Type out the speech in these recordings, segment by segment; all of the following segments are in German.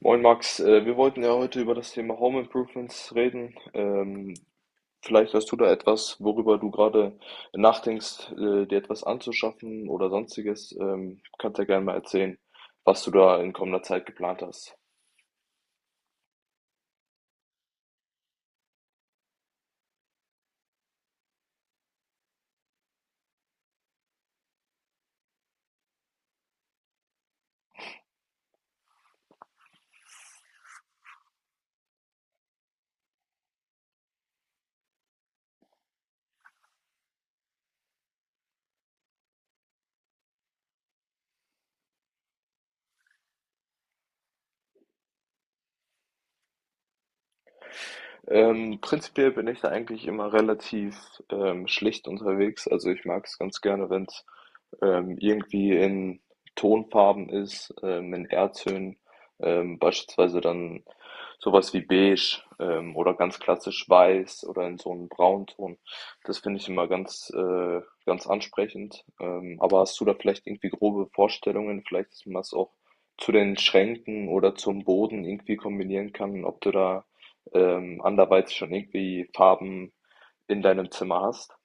Moin Max, wir wollten ja heute über das Thema Home Improvements reden. Vielleicht hast du da etwas, worüber du gerade nachdenkst, dir etwas anzuschaffen oder sonstiges. Kannst ja gerne mal erzählen, was du da in kommender Zeit geplant hast. Prinzipiell bin ich da eigentlich immer relativ schlicht unterwegs. Also ich mag es ganz gerne, wenn es irgendwie in Tonfarben ist, in Erdtönen, beispielsweise dann sowas wie beige oder ganz klassisch weiß oder in so einem Braunton. Das finde ich immer ganz, ganz ansprechend. Aber hast du da vielleicht irgendwie grobe Vorstellungen? Vielleicht, dass man das auch zu den Schränken oder zum Boden irgendwie kombinieren kann, ob du da anderweitig schon irgendwie Farben in deinem Zimmer hast.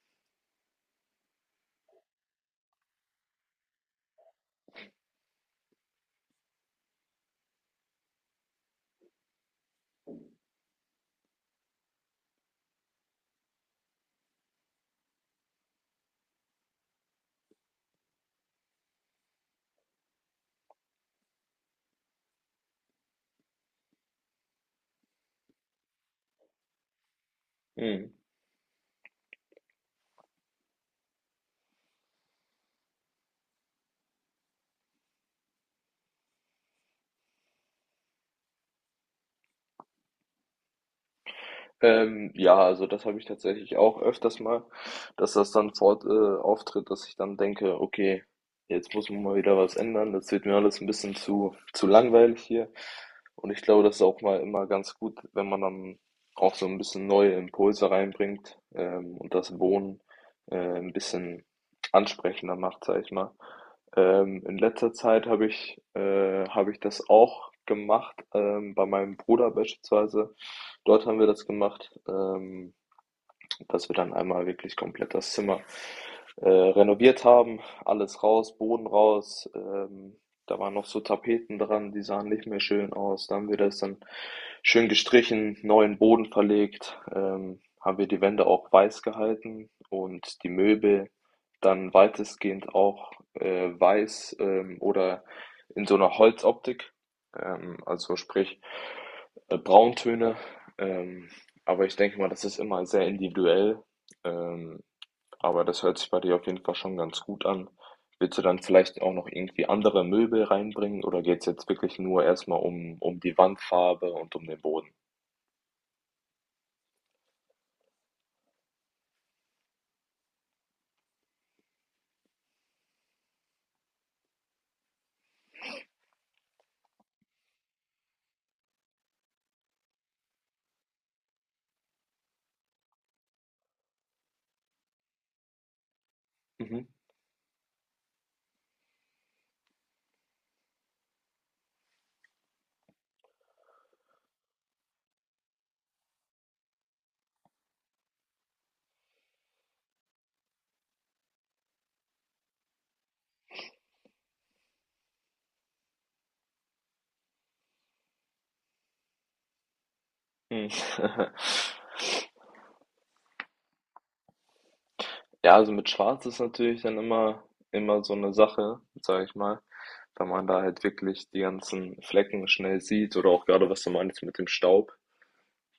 Mhm. Ja, also das habe ich tatsächlich auch öfters mal, dass das dann auftritt, dass ich dann denke, okay, jetzt muss man mal wieder was ändern, das wird mir alles ein bisschen zu langweilig hier. Und ich glaube, das ist auch mal immer ganz gut, wenn man dann auch so ein bisschen neue Impulse reinbringt, und das Wohnen, ein bisschen ansprechender macht, sag ich mal. In letzter Zeit habe ich das auch gemacht, bei meinem Bruder beispielsweise. Dort haben wir das gemacht. Dass wir dann einmal wirklich komplett das Zimmer renoviert haben. Alles raus, Boden raus. Da waren noch so Tapeten dran, die sahen nicht mehr schön aus. Da haben wir das dann schön gestrichen, neuen Boden verlegt, haben wir die Wände auch weiß gehalten und die Möbel dann weitestgehend auch weiß oder in so einer Holzoptik. Also sprich Brauntöne. Ähm, aber ich denke mal, das ist immer sehr individuell. Ähm, aber das hört sich bei dir auf jeden Fall schon ganz gut an. Willst du dann vielleicht auch noch irgendwie andere Möbel reinbringen oder geht es jetzt wirklich nur erstmal um die Wandfarbe und um den Boden? Mhm. Mhm. Ja, also mit Schwarz ist natürlich dann immer so eine Sache, sage ich mal, weil man da halt wirklich die ganzen Flecken schnell sieht oder auch gerade was du meinst mit dem Staub.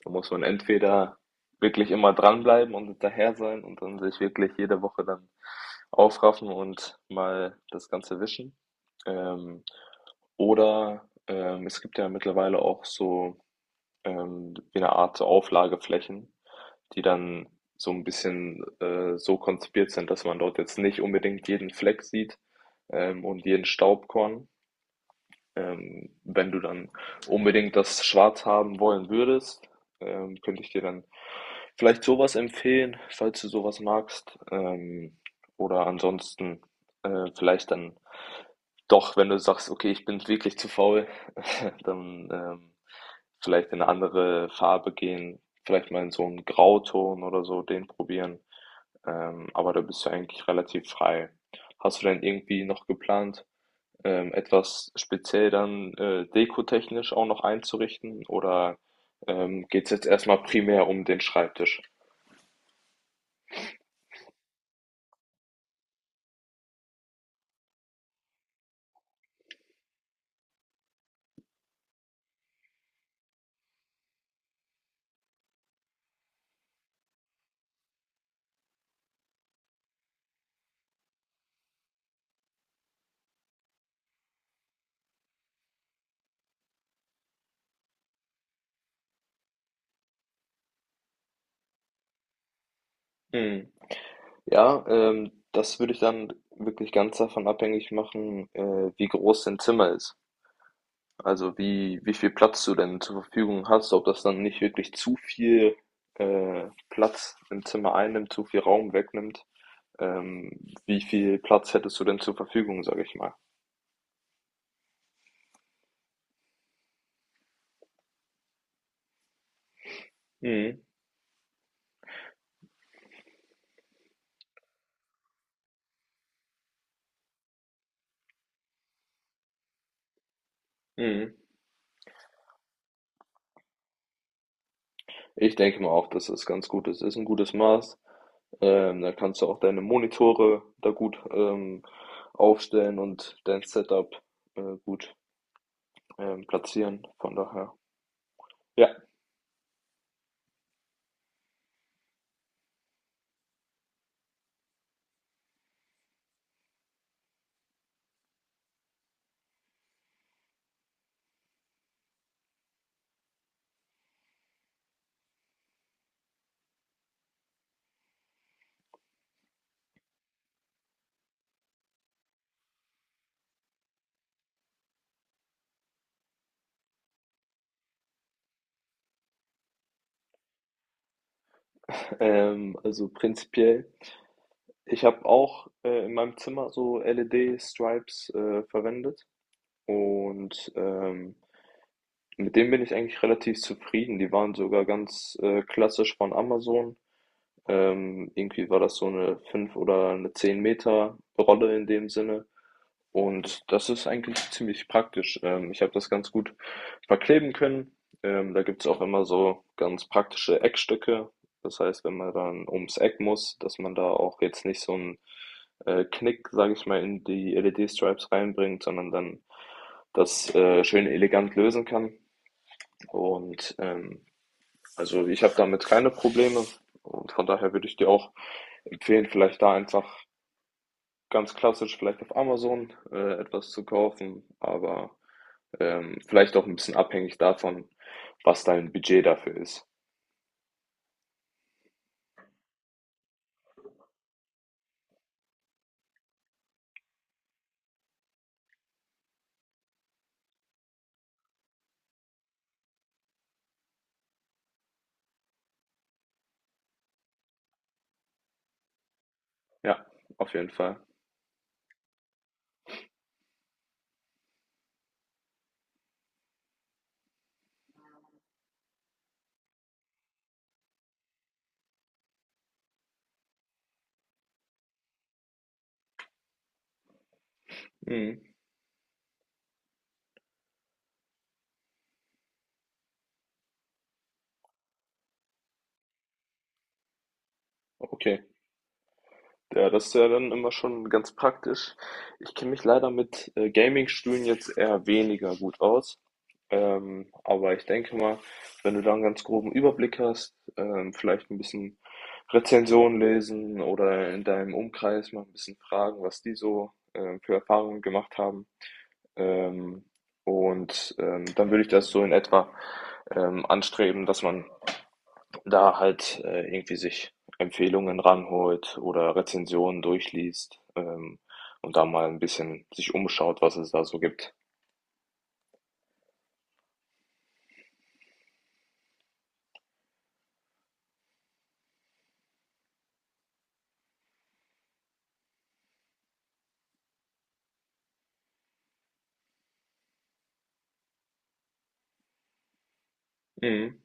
Da muss man entweder wirklich immer dranbleiben und hinterher sein und dann sich wirklich jede Woche dann aufraffen und mal das Ganze wischen. Ähm, oder es gibt ja mittlerweile auch so ähm, eine Art so Auflageflächen, die dann so ein bisschen so konzipiert sind, dass man dort jetzt nicht unbedingt jeden Fleck sieht und jeden Staubkorn, wenn du dann unbedingt das Schwarz haben wollen würdest, könnte ich dir dann vielleicht sowas empfehlen, falls du sowas magst. Oder ansonsten vielleicht dann doch, wenn du sagst, okay, ich bin wirklich zu faul, dann vielleicht in eine andere Farbe gehen, vielleicht mal in so einen Grauton oder so, den probieren. Aber da bist du eigentlich relativ frei. Hast du denn irgendwie noch geplant, etwas speziell dann dekotechnisch auch noch einzurichten oder geht es jetzt erstmal primär um den Schreibtisch? Hm. Ja, das würde ich dann wirklich ganz davon abhängig machen, wie groß dein Zimmer ist. Also wie viel Platz du denn zur Verfügung hast, ob das dann nicht wirklich zu viel äh, Platz im Zimmer einnimmt, zu viel Raum wegnimmt. Ähm, Wie viel Platz hättest du denn zur Verfügung, sage ich mal? Mhm. Mhm. Ich denke mal auch, dass das ganz gut ist. Ist ein gutes Maß. Da kannst du auch deine Monitore da gut, aufstellen und dein Setup, gut, platzieren. Von daher ja, also prinzipiell ich habe auch, in meinem Zimmer so LED-Stripes, verwendet und mit denen bin ich eigentlich relativ zufrieden. Die waren sogar ganz, klassisch von Amazon. Irgendwie war das so eine fünf oder eine zehn Meter Rolle in dem Sinne und das ist eigentlich ziemlich praktisch. Ich habe das ganz gut verkleben können. Da gibt's auch immer so ganz praktische Eckstücke. Das heißt, wenn man dann ums Eck muss, dass man da auch jetzt nicht so 'n, Knick, sage ich mal, in die LED-Stripes reinbringt, sondern dann das, schön elegant lösen kann und also ich habe damit keine Probleme und von daher würde ich dir auch empfehlen, vielleicht da einfach ganz klassisch vielleicht auf Amazon etwas zu kaufen, aber vielleicht auch ein bisschen abhängig davon, was dein Budget dafür ist. Ja, auf jeden Fall. Mhm. Okay. Ja, das ist ja dann immer schon ganz praktisch. Ich kenne mich leider mit Gaming-Stühlen jetzt eher weniger gut aus. Aber ich denke mal, wenn du da einen ganz groben Überblick hast, vielleicht ein bisschen Rezensionen lesen oder in deinem Umkreis mal ein bisschen fragen, was die so für Erfahrungen gemacht haben. Ähm, und dann würde ich das so in etwa anstreben, dass man da halt irgendwie sich Empfehlungen ranholt oder Rezensionen durchliest und da mal ein bisschen sich umschaut, was es da so gibt. Mhm.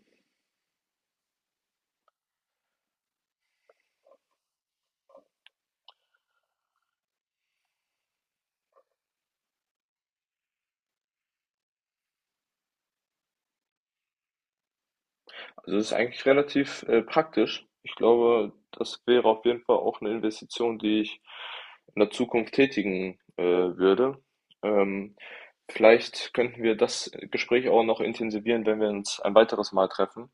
Also das ist eigentlich relativ praktisch. Ich glaube, das wäre auf jeden Fall auch eine Investition, die ich in der Zukunft tätigen würde. Ähm, Vielleicht könnten wir das Gespräch auch noch intensivieren, wenn wir uns ein weiteres Mal treffen.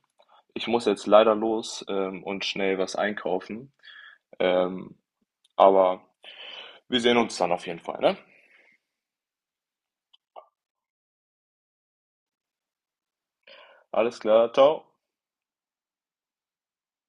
Ich muss jetzt leider los und schnell was einkaufen. Ähm, Aber wir sehen uns dann auf jeden Fall, ne? Alles klar, ciao.